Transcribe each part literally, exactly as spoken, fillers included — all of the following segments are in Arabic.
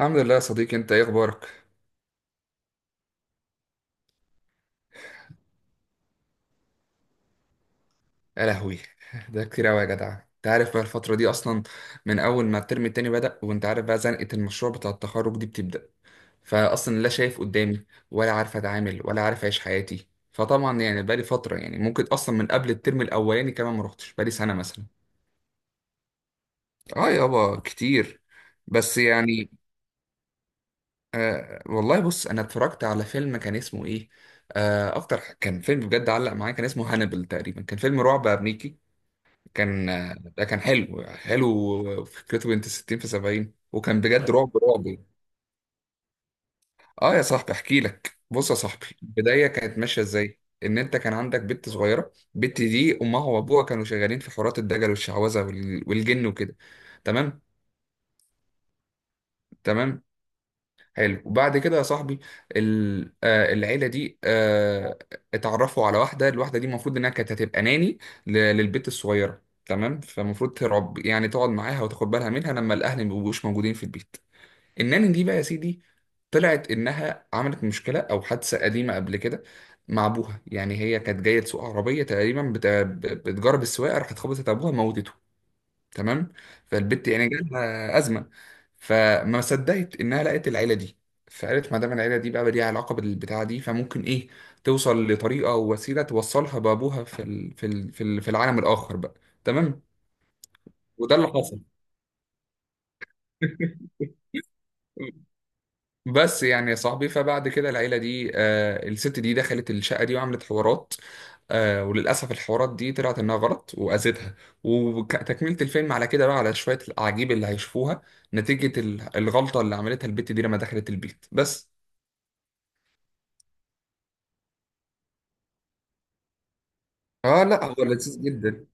الحمد لله يا صديقي، انت ايه اخبارك؟ يا لهوي، ده كتير قوي يا جدع. انت عارف بقى الفتره دي اصلا، من اول ما الترم التاني بدأ وانت عارف بقى زنقه المشروع بتاع التخرج دي بتبدأ، فاصلا لا شايف قدامي ولا عارف اتعامل ولا عارف اعيش حياتي. فطبعا يعني بقالي فتره، يعني ممكن اصلا من قبل الترم الاولاني كمان ما روحتش، بقالي سنه مثلا. اه يابا كتير. بس يعني آه والله بص، انا اتفرجت على فيلم كان اسمه ايه، آه اكتر كان فيلم بجد علق معايا، كان اسمه هانبل تقريبا، كان فيلم رعب امريكي. كان، ده كان حلو حلو، فكرته بنت الستين في سبعين، وكان بجد طيب. رعب رعب. اه يا صاحبي احكي لك. بص يا صاحبي، البدايه كانت ماشيه ازاي، ان انت كان عندك بنت صغيره، البنت دي امها وابوها كانوا شغالين في حورات الدجل والشعوذه وال- والجن وكده. تمام. تمام. حلو وبعد كده يا صاحبي، ال- آه، العيله دي آه، اتعرفوا على واحده، الواحده دي المفروض انها كانت هتبقى ناني ل- للبت الصغيره، تمام. فالمفروض ترعب يعني، تقعد معاها وتاخد بالها منها لما الاهل ما بيبقوش موجودين في البيت. الناني دي بقى يا سيدي، طلعت انها عملت مشكله او حادثه قديمه قبل كده مع ابوها. يعني هي كانت جايه تسوق عربيه تقريبا، بت- بتجرب السواقه، راحت خبطت ابوها، موتته. تمام. فالبت يعني جالها ازمه. فما صدقت انها لقت العيله دي، فقالت ما دام العيله دي بقى ليها علاقه بالبتاعه دي، فممكن ايه توصل لطريقه او وسيله توصلها بابوها في ال... في ال... في ال... في العالم الاخر بقى. تمام. وده اللي حصل. بس يعني يا صاحبي، فبعد كده العيله دي آه الست دي دخلت الشقه دي وعملت حوارات، آه وللأسف الحوارات دي طلعت إنها غلط وأذتها. وتكملة الفيلم على كده بقى، على شوية الأعاجيب اللي هيشوفوها نتيجة ال- الغلطة اللي عملتها البت دي لما دخلت البيت بس. آه لا، هو لذيذ جدا.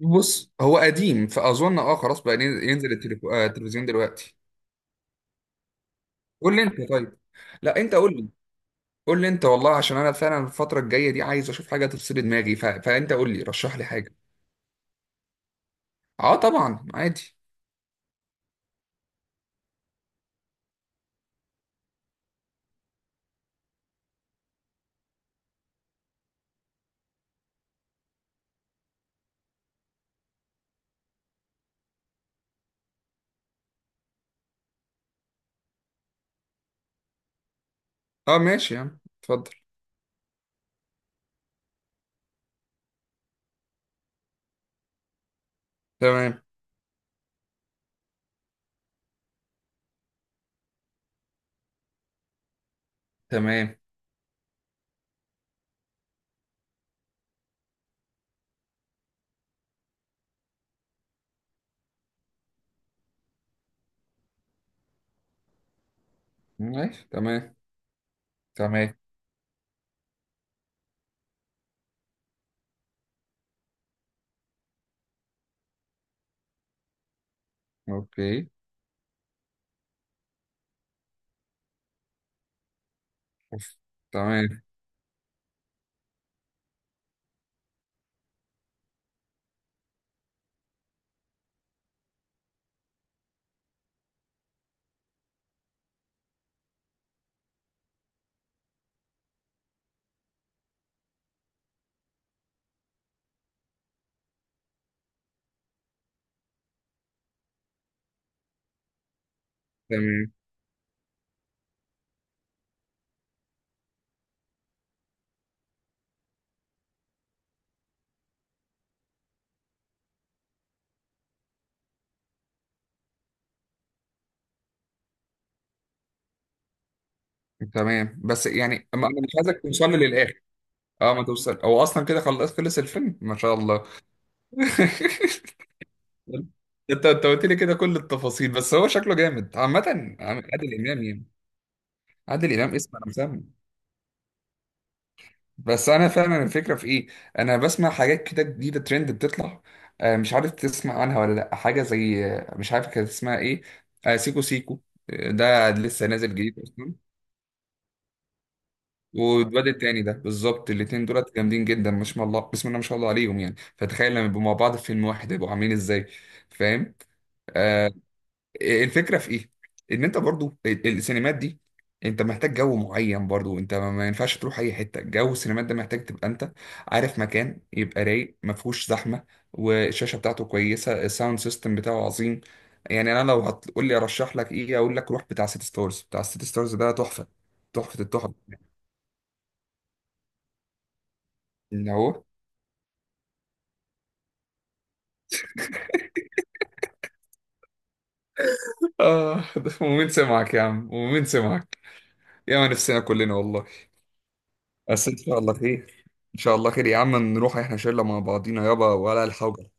بص هو قديم، فأظن آه خلاص بقى ين- ينزل التليفو- آه، التلفزيون دلوقتي. قول لي أنت طيب. لا أنت قول لي. قول لي أنت والله، عشان أنا فعلا الفترة الجاية دي عايز أشوف حاجة تفصل دماغي، ف... فأنت قول لي رشح لي حاجة. آه طبعا عادي. آه ماشي يا عم، اتفضل. تمام. تمام. ماشي. تمام. تمام. اوكي. أوف. تمام. تمام. تمام. بس يعني، ما انا مش عايزك توصل لي للاخر. اه ما توصل، هو اصلا كده خلاص خلص الفيلم ما شاء الله. انت انت قلت لي كده كل التفاصيل. بس هو شكله جامد عامة، عم- عادل امام يعني. عادل امام اسم انا مسمي. بس انا فعلا الفكرة في ايه، انا بسمع حاجات كده جديدة ترند بتطلع، آه، مش عارف تسمع عنها ولا لا، حاجة زي آه، مش عارف كانت اسمها ايه، آه، سيكو سيكو، آه، ده لسه نازل جديد اصلا. واتبدل تاني، ده بالظبط الاتنين دولت جامدين جدا، ما شاء الله بسم الله ما شاء الله عليهم يعني. فتخيل لما يبقوا مع بعض في فيلم واحد، هيبقوا عاملين ازاي. فاهم. آه. الفكره في ايه، ان انت برضو ال- السينمات دي انت محتاج جو معين. برضو انت ما ما ينفعش تروح اي حته، جو السينمات ده محتاج تبقى انت عارف مكان يبقى رايق ما فيهوش زحمه، والشاشه بتاعته كويسه، الساوند سيستم بتاعه عظيم. يعني انا لو هتقول لي ارشح لك ايه، اقول لك روح بتاع سيتي ستارز. بتاع سيتي ستارز ده تحفه، تحفه التحف. اللي هو آه. ده ومين سمعك يا عم، ومين سمعك. يا ما نفسنا كلنا والله. بس إن شاء الله خير، إن شاء الله خير يا عم، نروح إحنا شلة مع بعضينا يابا ولا الحوجة.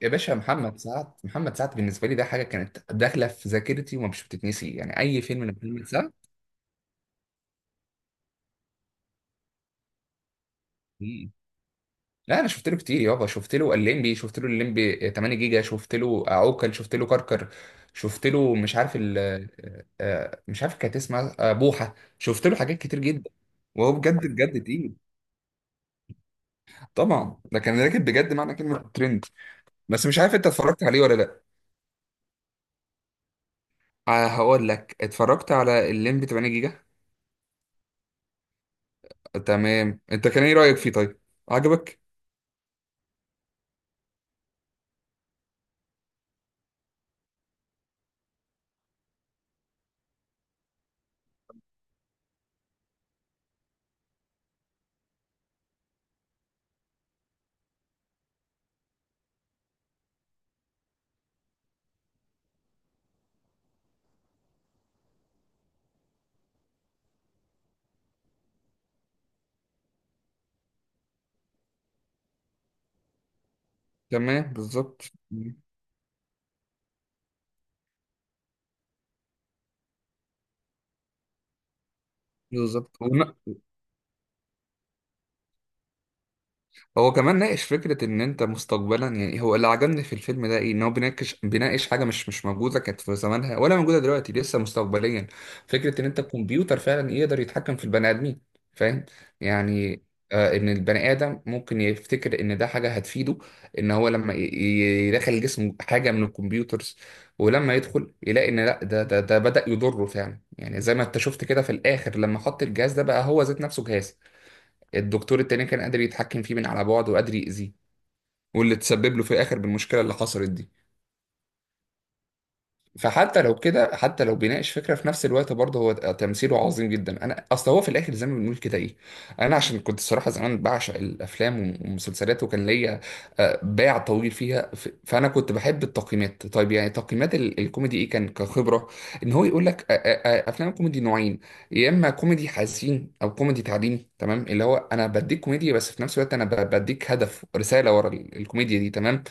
يا باشا، محمد سعد. محمد سعد بالنسبه لي ده حاجه كانت داخله في ذاكرتي ومش بتتنسي، يعني اي فيلم لمحمد سعد. مم. لا انا شفت له كتير يابا، شفت له الليمبي، شفت له الليمبي تمانية جيجا، شفت له عوكل، شفت له كركر، شفت له مش عارف ال آه، آه، مش عارف كانت اسمها آه، بوحه، شفت له حاجات كتير جدا. وهو بجد بجد تقيل، طبعا ده كان راكب بجد معنى كلمة ترند. بس مش عارف انت اتفرجت عليه ولا لا. ع- هقول لك اتفرجت على الليمبي تمانية جيجا. تمام، انت كان ايه رأيك فيه طيب، عجبك؟ تمام بالظبط، بالظبط. هو كمان ناقش فكرة إن أنت مستقبلا، يعني هو اللي عجبني في الفيلم ده إيه، إن هو بيناقش بيناقش حاجة مش مش موجودة كانت في زمانها ولا موجودة دلوقتي، لسه مستقبليا. فكرة إن أنت الكمبيوتر فعلا يقدر يتحكم في البني آدمين. فاهم يعني. آه، إن البني آدم ممكن يفتكر إن ده حاجة هتفيده، إن هو لما ي- ي- يدخل جسمه حاجة من الكمبيوترز، ولما يدخل يلاقي إن لأ، ده ده ده بدأ يضره فعلا. يعني زي ما أنت شفت كده في الآخر لما حط الجهاز ده، بقى هو ذات نفسه جهاز. الدكتور التاني كان قادر يتحكم فيه من على بعد وقادر يأذيه، واللي تسبب له في الآخر بالمشكلة اللي حصلت دي. فحتى لو كده، حتى لو بيناقش فكره في نفس الوقت، برضه هو تمثيله عظيم جدا. انا اصل هو في الاخر زي ما بنقول كده ايه، انا عشان كنت الصراحه زمان بعشق الافلام والمسلسلات، وكان ليا آه، باع طويل فيها. ف- فانا كنت بحب التقييمات طيب، يعني تقييمات ال- الكوميدي ايه، كان كخبره ان هو يقول لك آه، آه، آه، افلام الكوميدي نوعين. يا اما كوميدي حزين او كوميدي تعليمي، تمام، اللي هو انا بديك كوميديا، بس في نفس الوقت انا ب- بديك هدف رساله ورا ال- الكوميديا دي، تمام.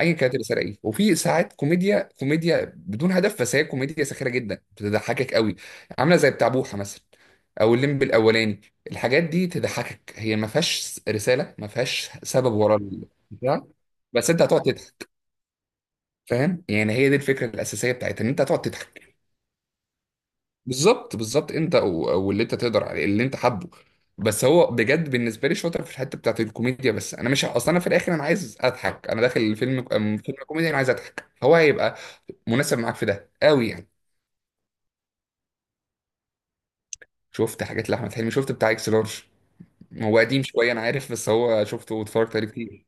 اي كانت رساله ايه. وفي ساعات كوميديا كوميديا بدون هدف، بس هي كوميديا ساخره جدا بتضحكك قوي، عامله زي بتاع بوحه مثلا، او الليمبي الاولاني. الحاجات دي تضحكك، هي ما فيهاش رساله ما فيهاش سبب ورا البتاع، بس انت هتقعد تضحك. فاهم يعني، هي دي الفكره الاساسيه بتاعتها، ان انت هتقعد تضحك. بالظبط، بالظبط. انت و- واللي انت تقدر عليه اللي انت حابه. بس هو بجد بالنسبه لي شاطر في الحته بتاعت الكوميديا. بس انا مش اصلا، انا في الاخر انا عايز اضحك، انا داخل الفيلم أم- فيلم كوميديا انا عايز اضحك، هو هيبقى مناسب معاك في ده قوي يعني. شفت حاجات لاحمد حلمي، شفت بتاع اكس لارج. هو قديم شويه انا عارف، بس هو شفته واتفرجت عليه كتير.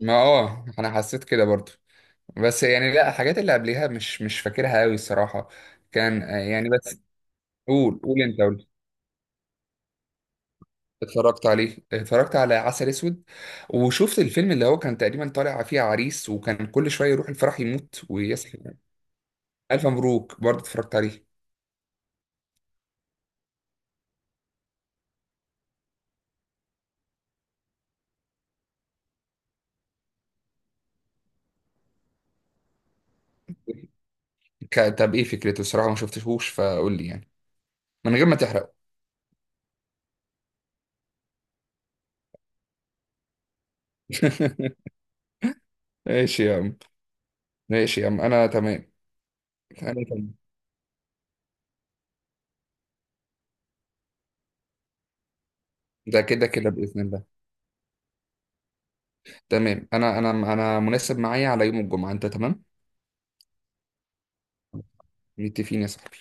ما اه انا حسيت كده برضو. بس يعني لا، الحاجات اللي قبليها مش مش فاكرها قوي الصراحه. كان آه، يعني بس. قول قول انت. اتفرجت عليه، اتفرجت على عسل اسود. وشفت الفيلم اللي هو كان تقريبا طالع فيه عريس، وكان كل شويه يروح الفرح يموت ويصحى. الف مبروك برضه اتفرجت عليه. ك- طب ايه فكرته؟ الصراحه ما شفتهوش، فقول لي يعني، من غير ما تحرق. ماشي يا عم. ماشي يا عم انا تمام. انا تمام. ده كده كده باذن الله. تمام، انا انا انا مناسب معايا على يوم الجمعه، انت تمام؟ متفقين يا صاحبي.